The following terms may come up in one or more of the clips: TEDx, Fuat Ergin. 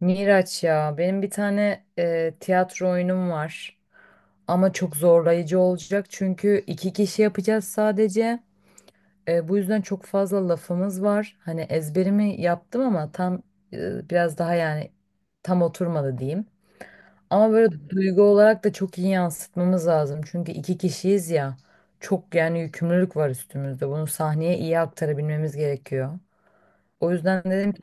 Miraç ya benim bir tane tiyatro oyunum var ama çok zorlayıcı olacak çünkü iki kişi yapacağız sadece. Bu yüzden çok fazla lafımız var, hani ezberimi yaptım ama tam biraz daha yani tam oturmadı diyeyim, ama böyle duygu olarak da çok iyi yansıtmamız lazım çünkü iki kişiyiz ya, çok yani yükümlülük var üstümüzde, bunu sahneye iyi aktarabilmemiz gerekiyor. O yüzden dedim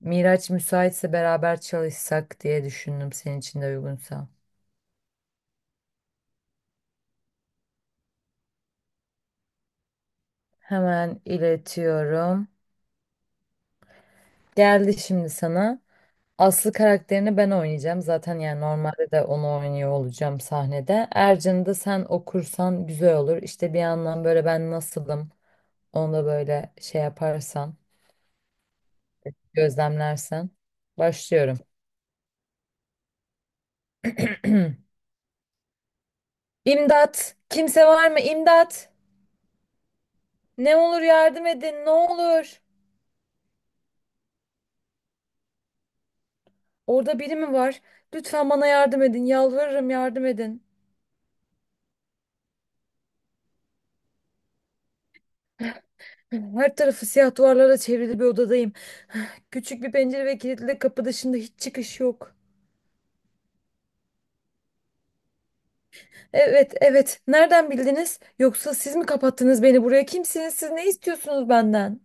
Miraç müsaitse beraber çalışsak diye düşündüm, senin için de uygunsa. Hemen iletiyorum. Geldi şimdi sana. Aslı karakterini ben oynayacağım. Zaten yani normalde de onu oynuyor olacağım sahnede. Ercan'ı da sen okursan güzel olur. İşte bir yandan böyle ben nasılım, onu da böyle şey yaparsan, gözlemlersen. Başlıyorum. İmdat! Kimse var mı? İmdat! Ne olur yardım edin, ne olur. Orada biri mi var? Lütfen bana yardım edin. Yalvarırım yardım edin. Her tarafı siyah duvarlara çevrili bir odadayım. Küçük bir pencere ve kilitli kapı dışında hiç çıkış yok. Evet, evet. Nereden bildiniz? Yoksa siz mi kapattınız beni buraya? Kimsiniz? Siz ne istiyorsunuz benden?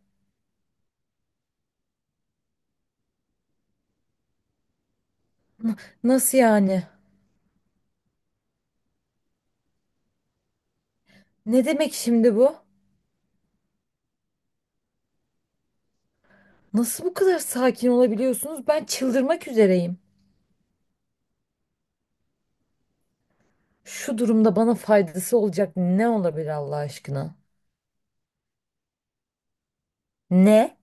Nasıl yani? Ne demek şimdi bu? Nasıl bu kadar sakin olabiliyorsunuz? Ben çıldırmak üzereyim. Şu durumda bana faydası olacak ne olabilir Allah aşkına? Ne?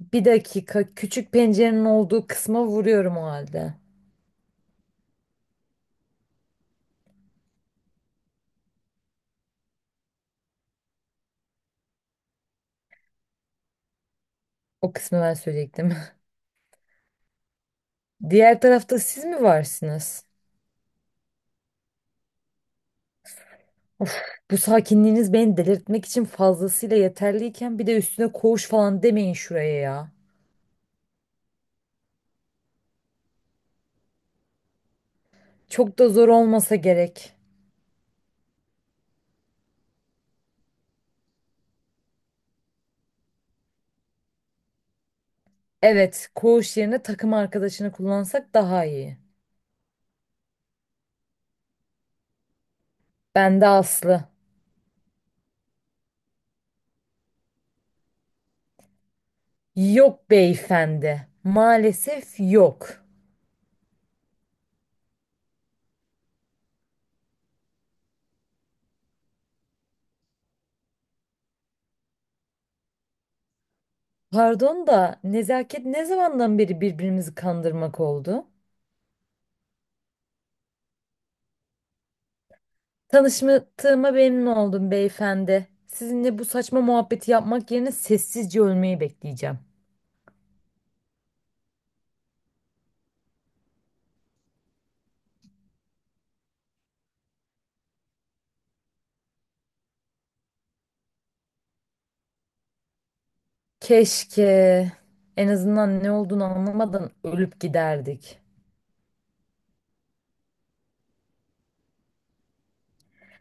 Bir dakika, küçük pencerenin olduğu kısma vuruyorum o halde. O kısmı ben söyleyecektim. Diğer tarafta siz mi varsınız? Of, bu sakinliğiniz beni delirtmek için fazlasıyla yeterliyken bir de üstüne koğuş falan demeyin şuraya ya. Çok da zor olmasa gerek. Evet, koğuş yerine takım arkadaşını kullansak daha iyi. Ben de Aslı. Yok beyefendi. Maalesef yok. Pardon da nezaket ne zamandan beri birbirimizi kandırmak oldu? Tanıştığıma memnun oldum beyefendi. Sizinle bu saçma muhabbeti yapmak yerine sessizce ölmeyi bekleyeceğim. Keşke en azından ne olduğunu anlamadan ölüp giderdik.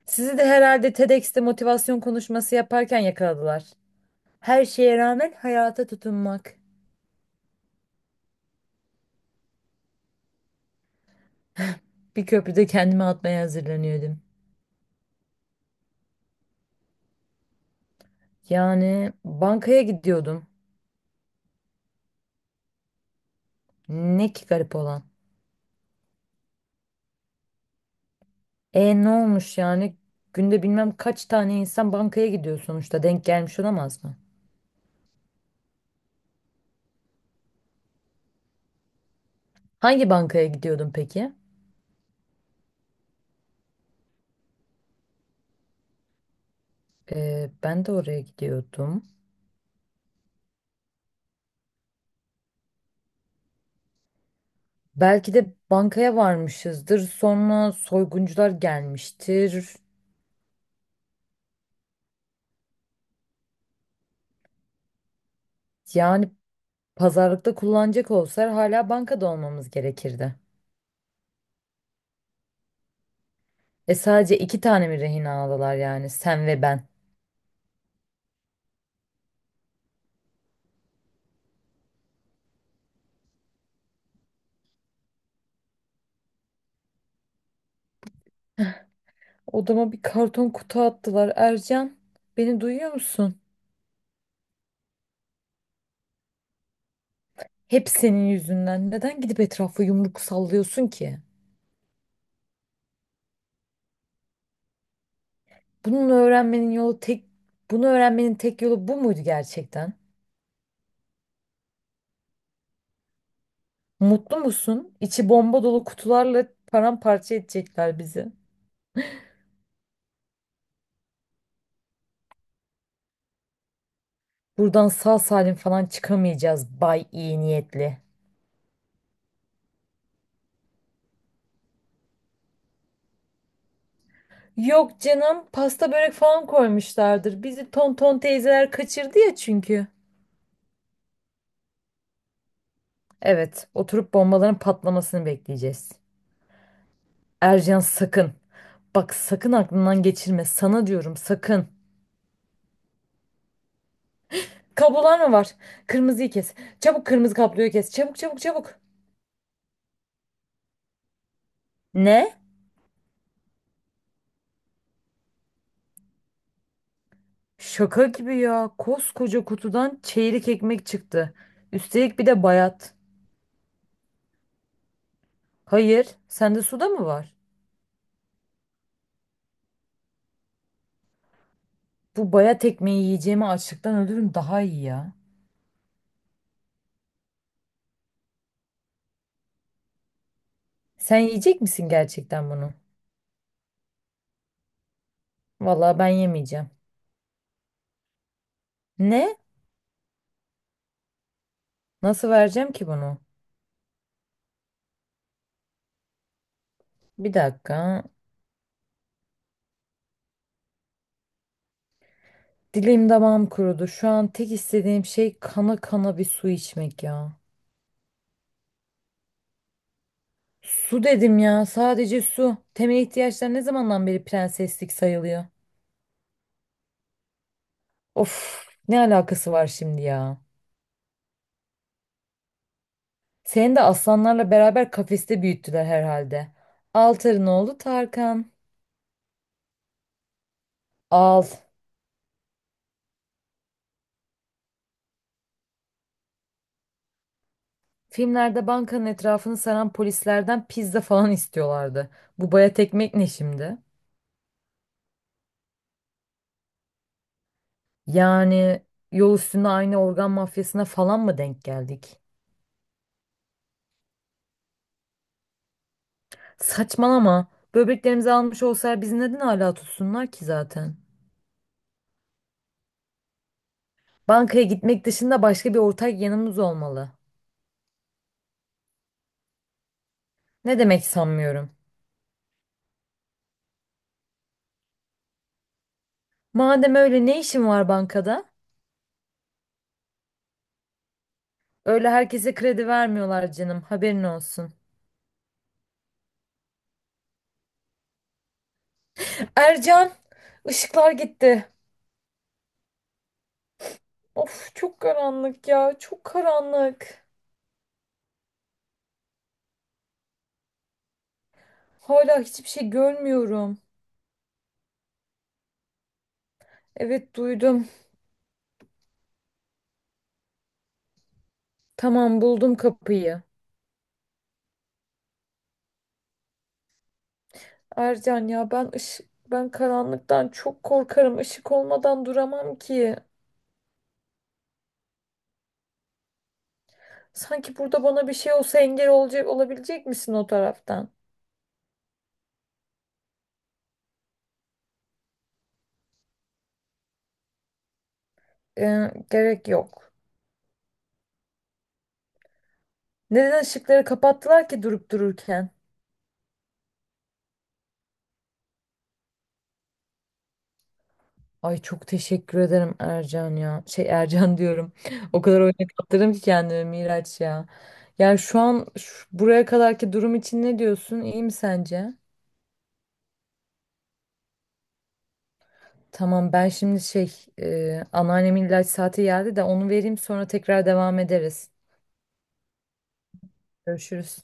Sizi de herhalde TEDx'te motivasyon konuşması yaparken yakaladılar. Her şeye rağmen hayata tutunmak. Bir köprüde kendimi atmaya hazırlanıyordum. Yani bankaya gidiyordum. Ne ki garip olan? E ne olmuş yani? Günde bilmem kaç tane insan bankaya gidiyor sonuçta. Denk gelmiş olamaz mı? Hangi bankaya gidiyordun peki? E, ben de oraya gidiyordum. Belki de bankaya varmışızdır. Sonra soyguncular gelmiştir. Yani pazarlıkta kullanacak olsalar hala bankada olmamız gerekirdi. E sadece iki tane mi rehin aldılar, yani sen ve ben? Odama bir karton kutu attılar. Ercan, beni duyuyor musun? Hep senin yüzünden. Neden gidip etrafa yumruk sallıyorsun ki? Bunun öğrenmenin yolu tek Bunu öğrenmenin tek yolu bu muydu gerçekten? Mutlu musun? İçi bomba dolu kutularla paramparça edecekler bizi. Buradan sağ salim falan çıkamayacağız bay iyi niyetli. Yok canım, pasta börek falan koymuşlardır. Bizi tonton teyzeler kaçırdı ya çünkü. Evet, oturup bombaların patlamasını bekleyeceğiz. Ercan sakın. Bak sakın aklından geçirme. Sana diyorum sakın. Kablolar mı var? Kırmızıyı kes. Çabuk kırmızı kabloyu kes. Çabuk, çabuk, çabuk. Ne? Şaka gibi ya. Koskoca kutudan çeyrek ekmek çıktı. Üstelik bir de bayat. Hayır, sende suda mı var? Bu bayat ekmeği yiyeceğime açlıktan ölürüm daha iyi ya. Sen yiyecek misin gerçekten bunu? Vallahi ben yemeyeceğim. Ne? Nasıl vereceğim ki bunu? Bir dakika. Dilim damağım kurudu. Şu an tek istediğim şey kana kana bir su içmek ya. Su dedim ya, sadece su. Temel ihtiyaçlar ne zamandan beri prenseslik sayılıyor? Of, ne alakası var şimdi ya? Seni de aslanlarla beraber kafeste büyüttüler herhalde. Altar'ın oğlu Tarkan. Al. Filmlerde bankanın etrafını saran polislerden pizza falan istiyorlardı. Bu baya tekmek ne şimdi? Yani yol üstünde aynı organ mafyasına falan mı denk geldik? Saçmalama. Böbreklerimizi almış olsalar bizi neden hala tutsunlar ki zaten? Bankaya gitmek dışında başka bir ortak yanımız olmalı. Ne demek sanmıyorum? Madem öyle ne işin var bankada? Öyle herkese kredi vermiyorlar canım, haberin olsun. Ercan, ışıklar gitti. Of çok karanlık ya, çok karanlık. Hala hiçbir şey görmüyorum. Evet duydum. Tamam, buldum kapıyı. Ercan ya ben ışık ben karanlıktan çok korkarım. Işık olmadan duramam ki. Sanki burada bana bir şey olsa engel olacak olabilecek misin o taraftan? Gerek yok. Neden ışıkları kapattılar ki durup dururken? Ay çok teşekkür ederim Ercan ya. Şey Ercan diyorum. O kadar oyuna kaptırdım ki kendimi Miraç ya. Yani şu an buraya kadarki durum için ne diyorsun? İyi mi sence? Tamam ben şimdi anneannemin ilaç saati geldi de onu vereyim sonra tekrar devam ederiz. Görüşürüz.